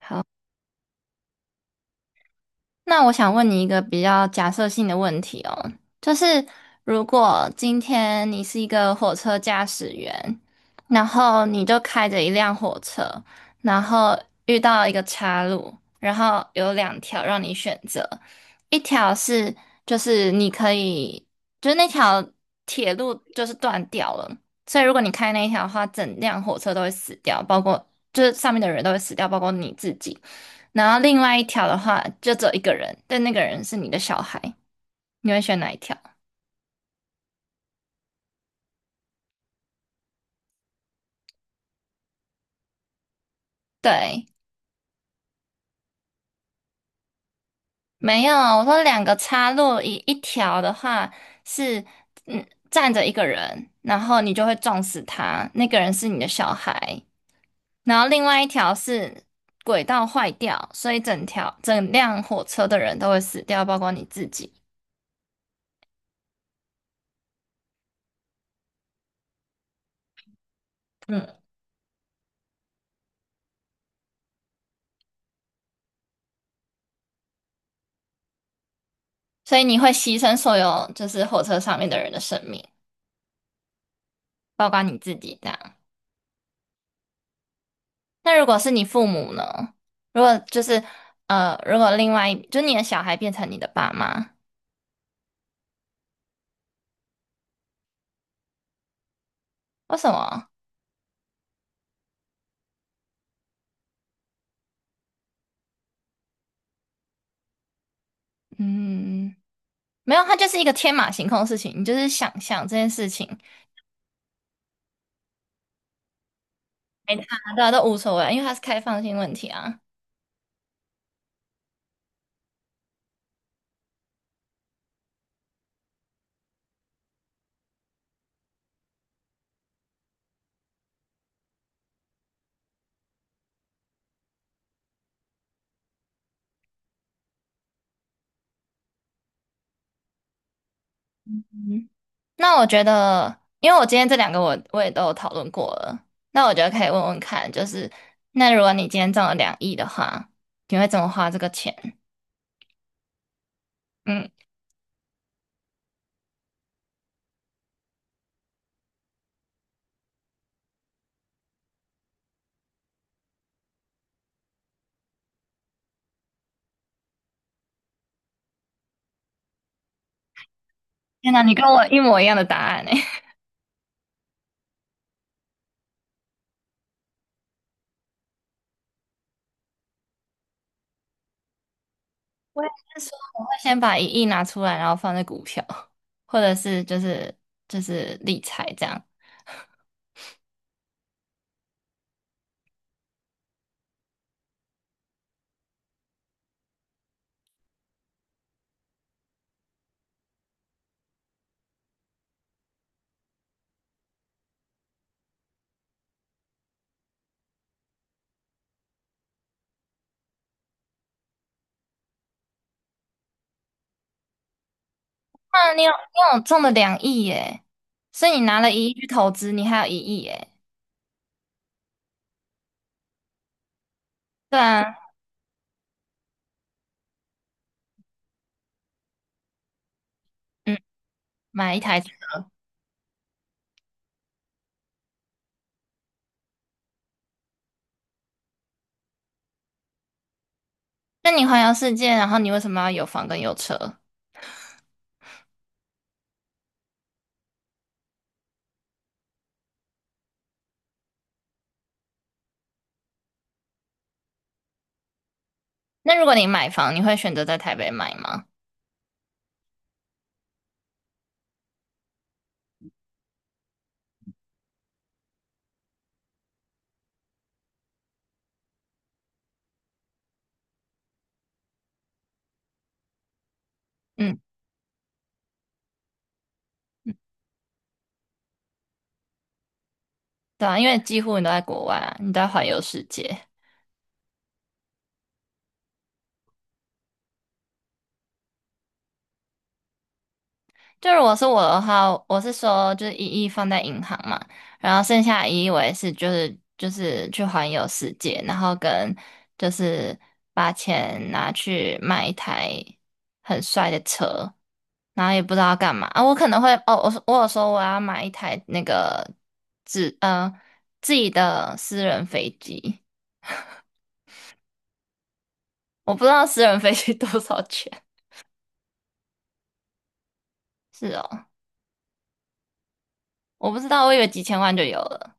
好，那我想问你一个比较假设性的问题哦，就是如果今天你是一个火车驾驶员，然后你就开着一辆火车，然后遇到一个岔路，然后有两条让你选择，一条是就是你可以，就是那条铁路就是断掉了，所以如果你开那一条的话，整辆火车都会死掉，包括就是上面的人都会死掉，包括你自己。然后另外一条的话，就只有一个人，但那个人是你的小孩，你会选哪一条？对，没有，我说两个插入一条的话是，站着一个人，然后你就会撞死他，那个人是你的小孩，然后另外一条是轨道坏掉，所以整辆火车的人都会死掉，包括你自己，嗯，所以你会牺牲所有就是火车上面的人的生命，包括你自己这样。那如果是你父母呢？如果就是如果另外一就你的小孩变成你的爸妈，为什么？嗯，没有，它就是一个天马行空的事情，你就是想象这件事情，没他的都无所谓啊，因为它是开放性问题啊。那我觉得，因为我今天这两个我也都有讨论过了，那我觉得可以问问看，就是那如果你今天中了两亿的话，你会怎么花这个钱？嗯，天哪，你跟我一模一样的答案呢我也是说，我会先把一亿拿出来，然后放在股票，或者是就是理财这样。那你有中了两亿耶，所以你拿了一亿去投资，你还有一亿耶。对啊，嗯，买一台车。那你环游世界，然后你为什么要有房跟有车？那如果你买房，你会选择在台北买吗？嗯，对啊，因为几乎你都在国外啊，你都在环游世界。就如果是我的话，我是说就是一亿放在银行嘛，然后剩下的一亿我也是就是去环游世界，然后跟就是把钱拿去买一台很帅的车，然后也不知道要干嘛啊。我可能会哦，我说我有说我要买一台那个自呃自己的私人飞机，我不知道私人飞机多少钱，是哦，我不知道，我以为几千万就有了。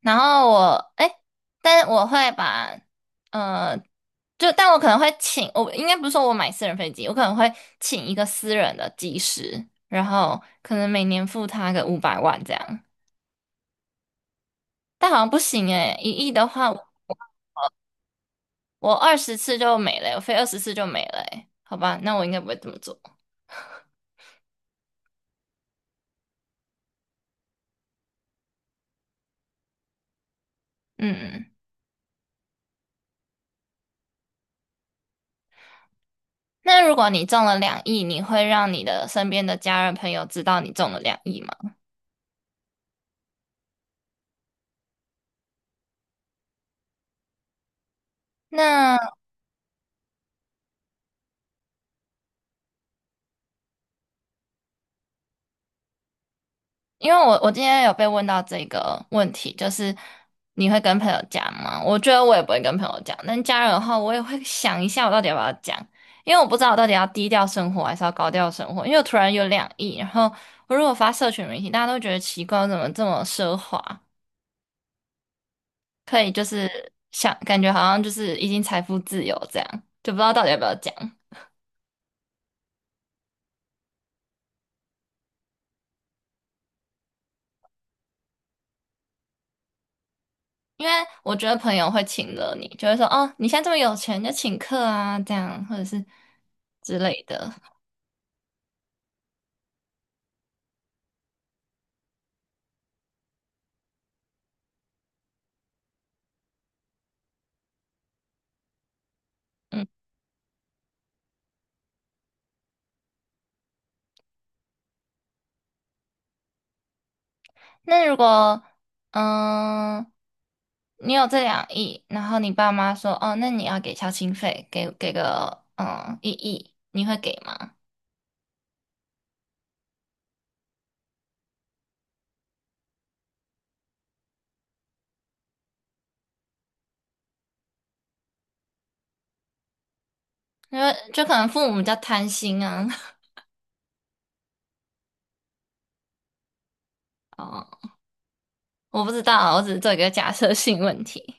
然后我，哎，但我会把，呃，就但我可能会请，我应该不是说我买私人飞机，我可能会请一个私人的机师，然后可能每年付他个500万这样，但好像不行诶，一亿的话，我二十次就没了，我飞二十次就没了诶，好吧，那我应该不会这么做。嗯，那如果你中了两亿，你会让你的身边的家人朋友知道你中了两亿吗？那因为我今天有被问到这个问题，就是你会跟朋友讲吗？我觉得我也不会跟朋友讲，但家人的话，我也会想一下我到底要不要讲，因为我不知道我到底要低调生活还是要高调生活，因为我突然有两亿，然后我如果发社群媒体，大家都觉得奇怪，我怎么这么奢华，可以就是想感觉好像就是已经财富自由这样，就不知道到底要不要讲。因为我觉得朋友会请了你，就会说哦，你现在这么有钱，就请客啊，这样或者是之类的。嗯。那如果，嗯，你有这两亿，然后你爸妈说，哦，那你要给孝亲费，给个，嗯，一亿，你会给吗？因为就可能父母比较贪心啊。哦，我不知道啊，我只是做一个假设性问题。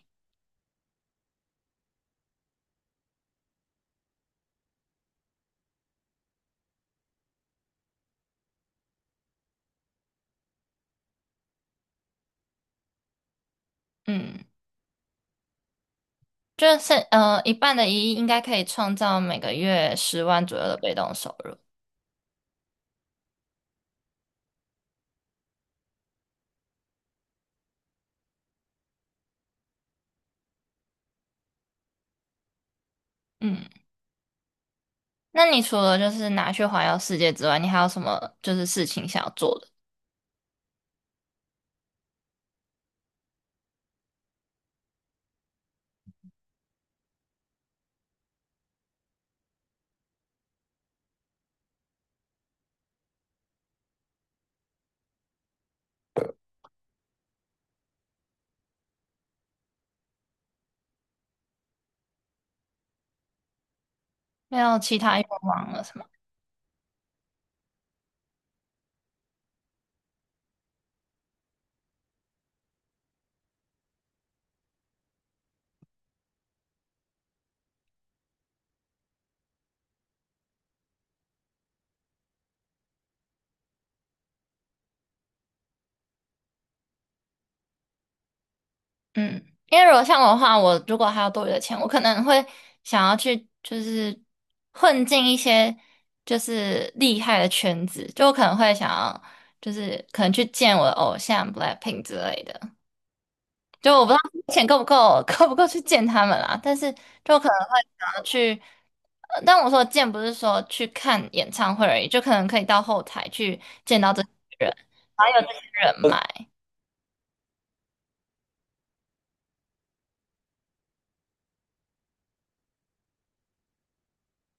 嗯，就是0.5亿应该可以创造每个月10万左右的被动收入。嗯，那你除了就是拿去环游世界之外，你还有什么就是事情想要做的？没有其他愿望了？是吗？嗯，因为如果像我的话，我如果还有多余的钱，我可能会想要去就是混进一些就是厉害的圈子，就我可能会想要就是可能去见我的偶像 BLACKPINK 之类的。就我不知道钱够不够，够不够去见他们啦，但是就可能会想要去。但我说的见不是说去看演唱会而已，就可能可以到后台去见到这些人，然后有这些人脉。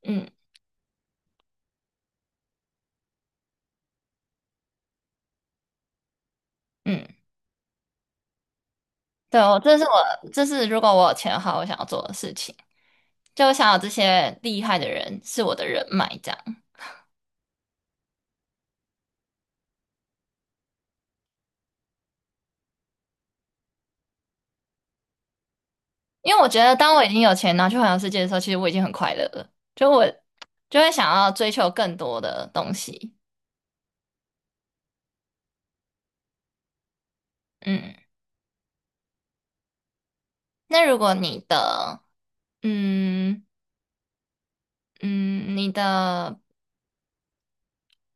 嗯嗯。对，我这是我，这是如果我有钱的话，我想要做的事情。就我想要这些厉害的人是我的人脉，这样。因为我觉得，当我已经有钱然后去环游世界的时候，其实我已经很快乐了。就我就会想要追求更多的东西。嗯，那如果你的，嗯嗯，你的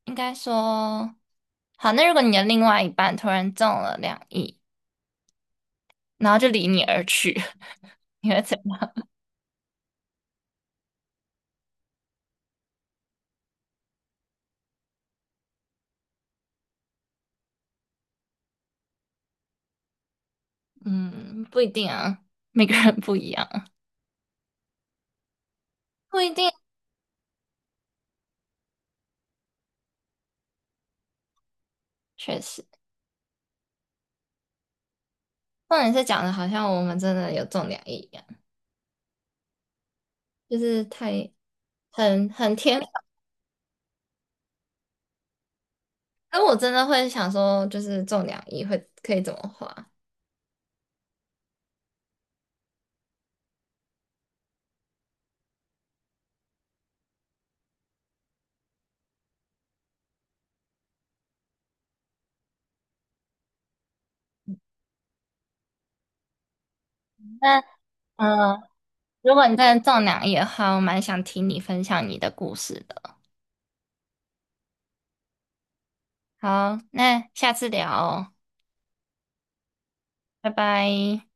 应该说好，那如果你的另外一半突然中了两亿，然后就离你而去，你会怎样嗯，不一定啊，每个人不一样，不一定，确实。那你是讲的好像我们真的有中两亿一样，就是太很很天方。那我真的会想说，就是中两亿会可以怎么花？那嗯、呃如果你真的中两亿的话，我蛮想听你分享你的故事的。好，那下次聊哦拜拜。